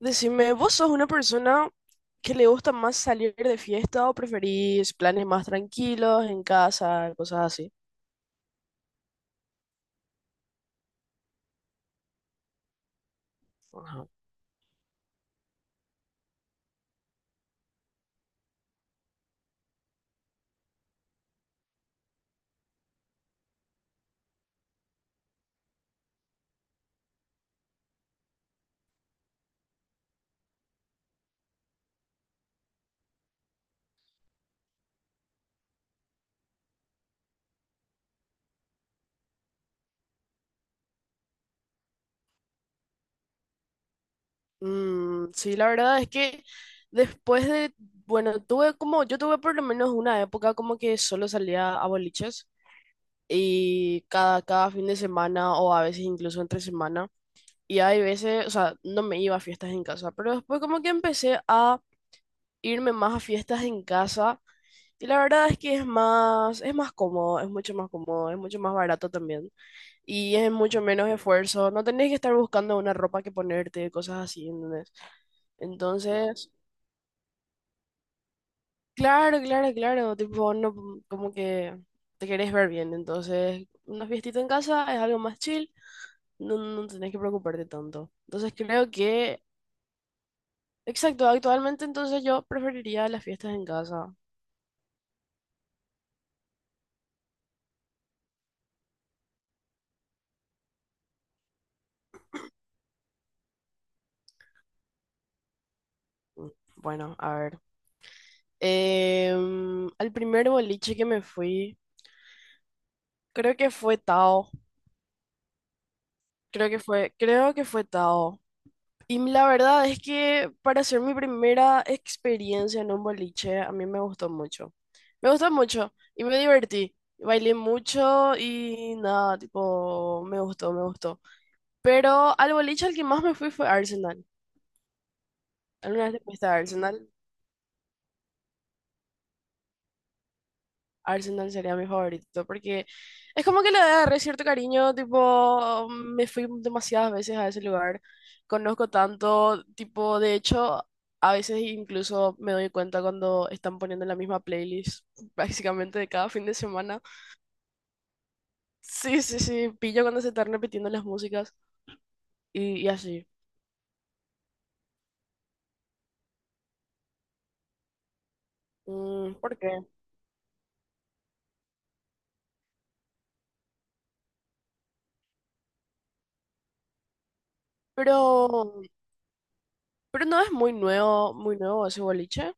Decime, ¿vos sos una persona que le gusta más salir de fiesta o preferís planes más tranquilos en casa, cosas así? Ajá. Mm, sí, la verdad es que después de, bueno, tuve como, yo tuve por lo menos una época como que solo salía a boliches y cada fin de semana o a veces incluso entre semana. Y hay veces, o sea, no me iba a fiestas en casa, pero después como que empecé a irme más a fiestas en casa. Y la verdad es que es más cómodo, es mucho más cómodo, es mucho más barato también. Y es mucho menos esfuerzo. No tenés que estar buscando una ropa que ponerte, cosas así, ¿entendés? Entonces, claro, claro, claro. Tipo, no, como que te querés ver bien. Entonces, una fiestita en casa es algo más chill. No, no tenés que preocuparte tanto. Entonces, creo que, exacto, actualmente entonces yo preferiría las fiestas en casa. Mm, bueno, a ver. Al primer boliche que me fui. Creo que fue Tao. Creo que fue Tao. Y la verdad es que para ser mi primera experiencia en un boliche, a mí me gustó mucho. Me gustó mucho y me divertí. Bailé mucho y nada, tipo, me gustó, me gustó. Pero al boliche al que más me fui fue Arsenal. ¿Alguna vez te fuiste a Arsenal? Arsenal sería mi favorito, porque es como que le agarré cierto cariño, tipo, me fui demasiadas veces a ese lugar, conozco tanto, tipo, de hecho, a veces incluso me doy cuenta cuando están poniendo la misma playlist prácticamente de cada fin de semana. Sí, sí, sí, pillo cuando se están repitiendo las músicas y así. Mm, ¿por qué? Pero, pero no es muy nuevo ese boliche.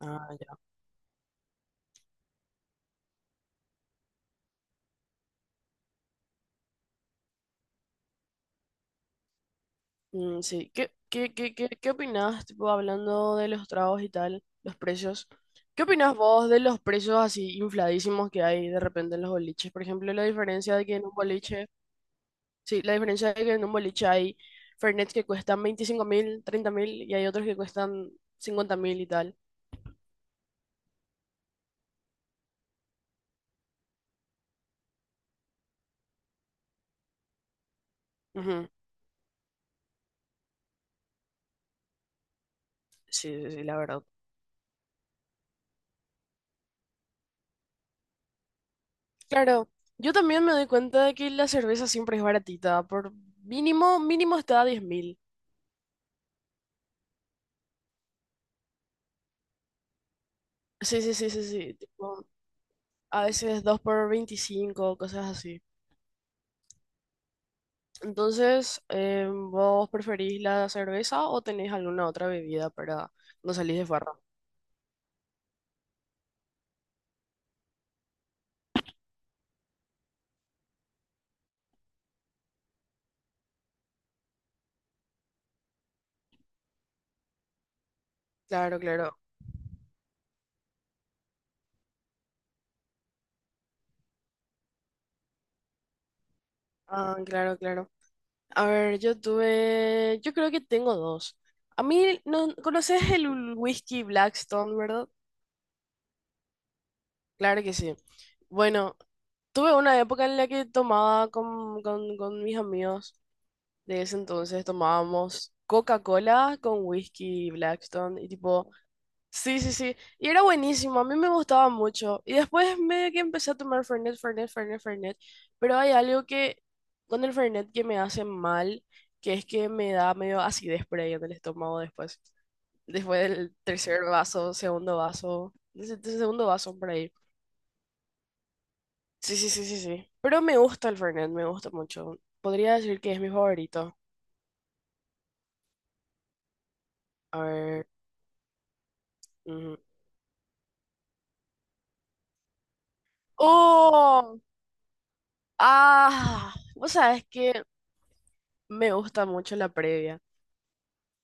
Ah. Mm, sí, ¿qué opinás, tipo, hablando de los tragos y tal, los precios? ¿Qué opinás vos de los precios así infladísimos que hay de repente en los boliches? Por ejemplo, la diferencia de que en un boliche, sí, la diferencia de que en un boliche hay Fernet que cuestan 25.000, 30.000 y hay otros que cuestan 50.000 y tal. Ujú. Sí, sí, sí, la verdad. Claro, yo también me doy cuenta de que la cerveza siempre es baratita, por mínimo, mínimo está a 10.000. Sí, sí, sí, sí, sí, tipo, a veces 2 por 25, cosas así. Entonces, ¿vos preferís la cerveza o tenés alguna otra bebida para no salir de farra? Claro, claro. Ah, claro, claro. A ver, yo tuve, yo creo que tengo dos. A mí, ¿no conoces el whisky Blackstone, verdad? Claro que sí. Bueno, tuve una época en la que tomaba con mis amigos de ese entonces, tomábamos Coca-Cola con whisky Blackstone y tipo... Sí, sí, sí. Y era buenísimo, a mí me gustaba mucho. Y después medio que empecé a tomar Fernet, Fernet, Fernet, Fernet. Pero hay algo que con el Fernet que me hace mal, que es que me da medio acidez por ahí en el estómago después. Después del tercer vaso, segundo vaso, desde segundo vaso por ahí. Sí, sí, sí, sí, sí. Pero me gusta el Fernet, me gusta mucho. Podría decir que es mi favorito. A ver. Ujú. ¡Oh! ¡Ah! Vos sabés que me gusta mucho la previa.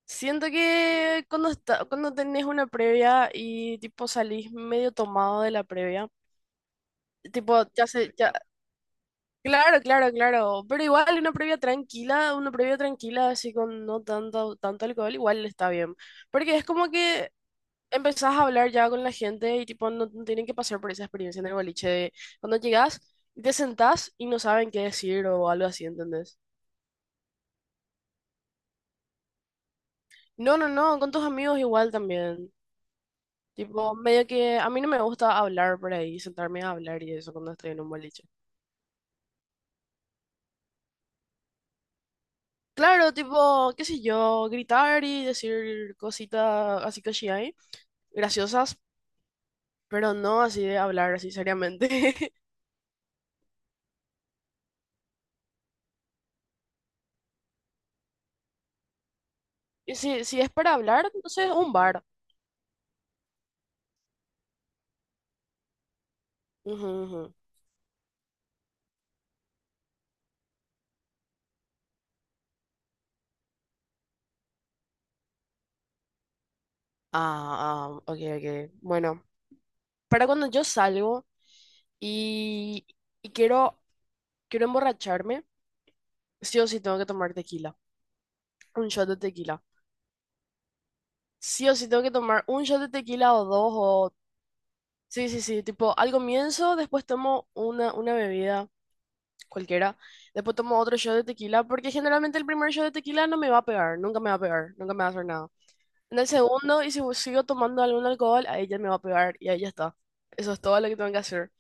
Siento que cuando está, cuando tenés una previa y tipo salís medio tomado de la previa, tipo ya sé, ya, claro, claro, claro, pero igual una previa tranquila así con no tanto, tanto alcohol, igual está bien, porque es como que empezás a hablar ya con la gente y tipo no, no tienen que pasar por esa experiencia en el boliche de cuando llegás y te sentás y no saben qué decir o algo así, ¿entendés? No, no, no, con tus amigos igual también. Tipo, medio que a mí no me gusta hablar por ahí, sentarme a hablar y eso cuando estoy en un boliche. Claro, tipo, qué sé yo, gritar y decir cositas así que sí hay, graciosas, pero no así de hablar así seriamente. Y si, si es para hablar, entonces un bar. Ujú, ujú. Ah, ah, ok, ok. Bueno, para cuando yo salgo y, y quiero emborracharme, sí o sí tengo que tomar tequila, un shot de tequila. Sí o sí tengo que tomar un shot de tequila o dos o... Sí, sí, sí, tipo, al comienzo, después tomo una bebida cualquiera, después tomo otro shot de tequila, porque generalmente el primer shot de tequila no me va a pegar, nunca me va a pegar, nunca me va a hacer nada. En el segundo, y si sigo tomando algún alcohol, ahí ya me va a pegar y ahí ya está. Eso es todo lo que tengo que hacer.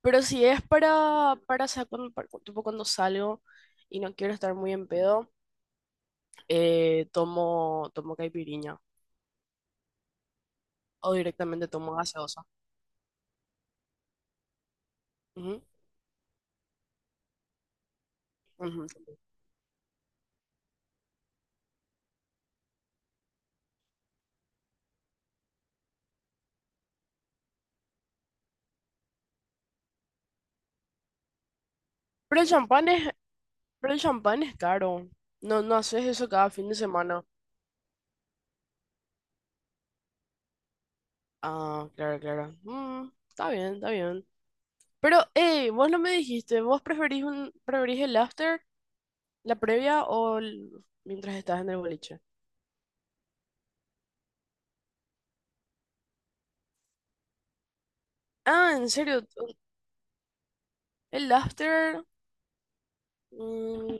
Pero si es para tipo, cuando salgo y no quiero estar muy en pedo, tomo caipirinha o directamente tomo gaseosa. Ujú, ujú. Pero el champán es Pero el champán es caro. No, no haces eso cada fin de semana. Ah, claro, claro. Mm, está bien, está bien. Pero, hey, vos no me dijiste, ¿vos preferís el after, la previa o mientras estás en el boliche? Ah, en serio, el after, mm,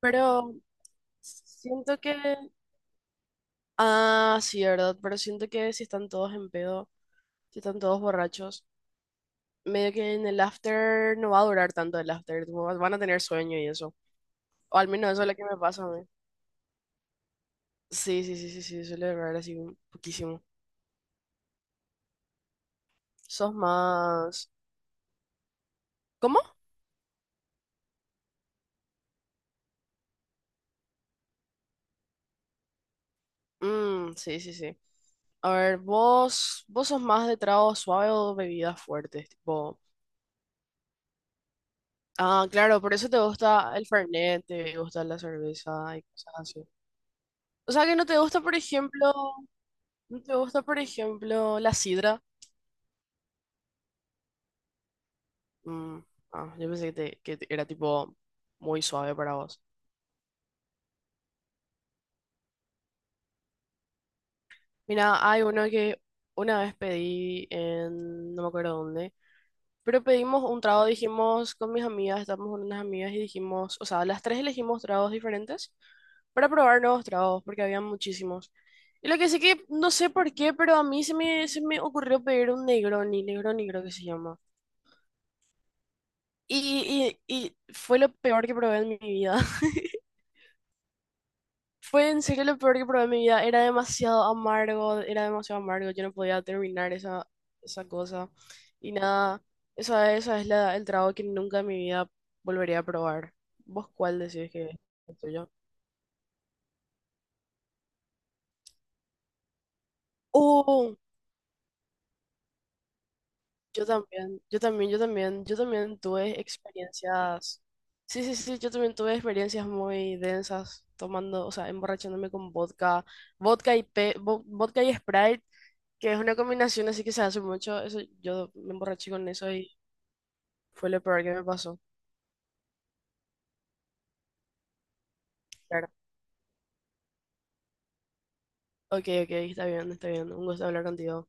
pero siento que... Ah, sí, ¿verdad? Pero siento que si están todos en pedo, si están todos borrachos, medio que en el after no va a durar tanto el after, tipo, van a tener sueño y eso. O al menos eso es lo que me pasa a mí. Sí, sí, sí, sí, sí, suele errar así un poquísimo. Sos más... ¿Cómo? Mm, sí, sí, sí. A ver, vos sos más de trago suave o bebidas fuertes, tipo... Ah, claro, por eso te gusta el Fernet, te gusta la cerveza y cosas así. O sea que no te gusta, por ejemplo, no te gusta, por ejemplo, la sidra. Mm, ah, yo pensé que era tipo muy suave para vos. Mira, hay uno que una vez pedí en, no me acuerdo dónde, pero pedimos un trago, dijimos con mis amigas, estábamos con unas amigas y dijimos, o sea, las tres elegimos tragos diferentes para probar nuevos tragos, porque había muchísimos. Y lo que sí que, no sé por qué, pero a mí se me ocurrió pedir un Negroni, Negroni creo que se llama. Y fue lo peor que probé en mi vida. Fue en serio lo peor que probé en mi vida. Era demasiado amargo, era demasiado amargo. Yo no podía terminar esa cosa. Y nada, esa es el trago que nunca en mi vida volvería a probar. ¿Vos cuál decís que es el tuyo? Oh. Yo también, yo también, yo también, yo también tuve experiencias. Sí, sí, sí, yo también tuve experiencias muy densas tomando, o sea, emborrachándome con vodka y Sprite que es una combinación así que se hace mucho. Eso, yo me emborraché con eso y fue lo peor que me pasó. Claro. Ok, ok, está bien, está bien. Un gusto hablar contigo.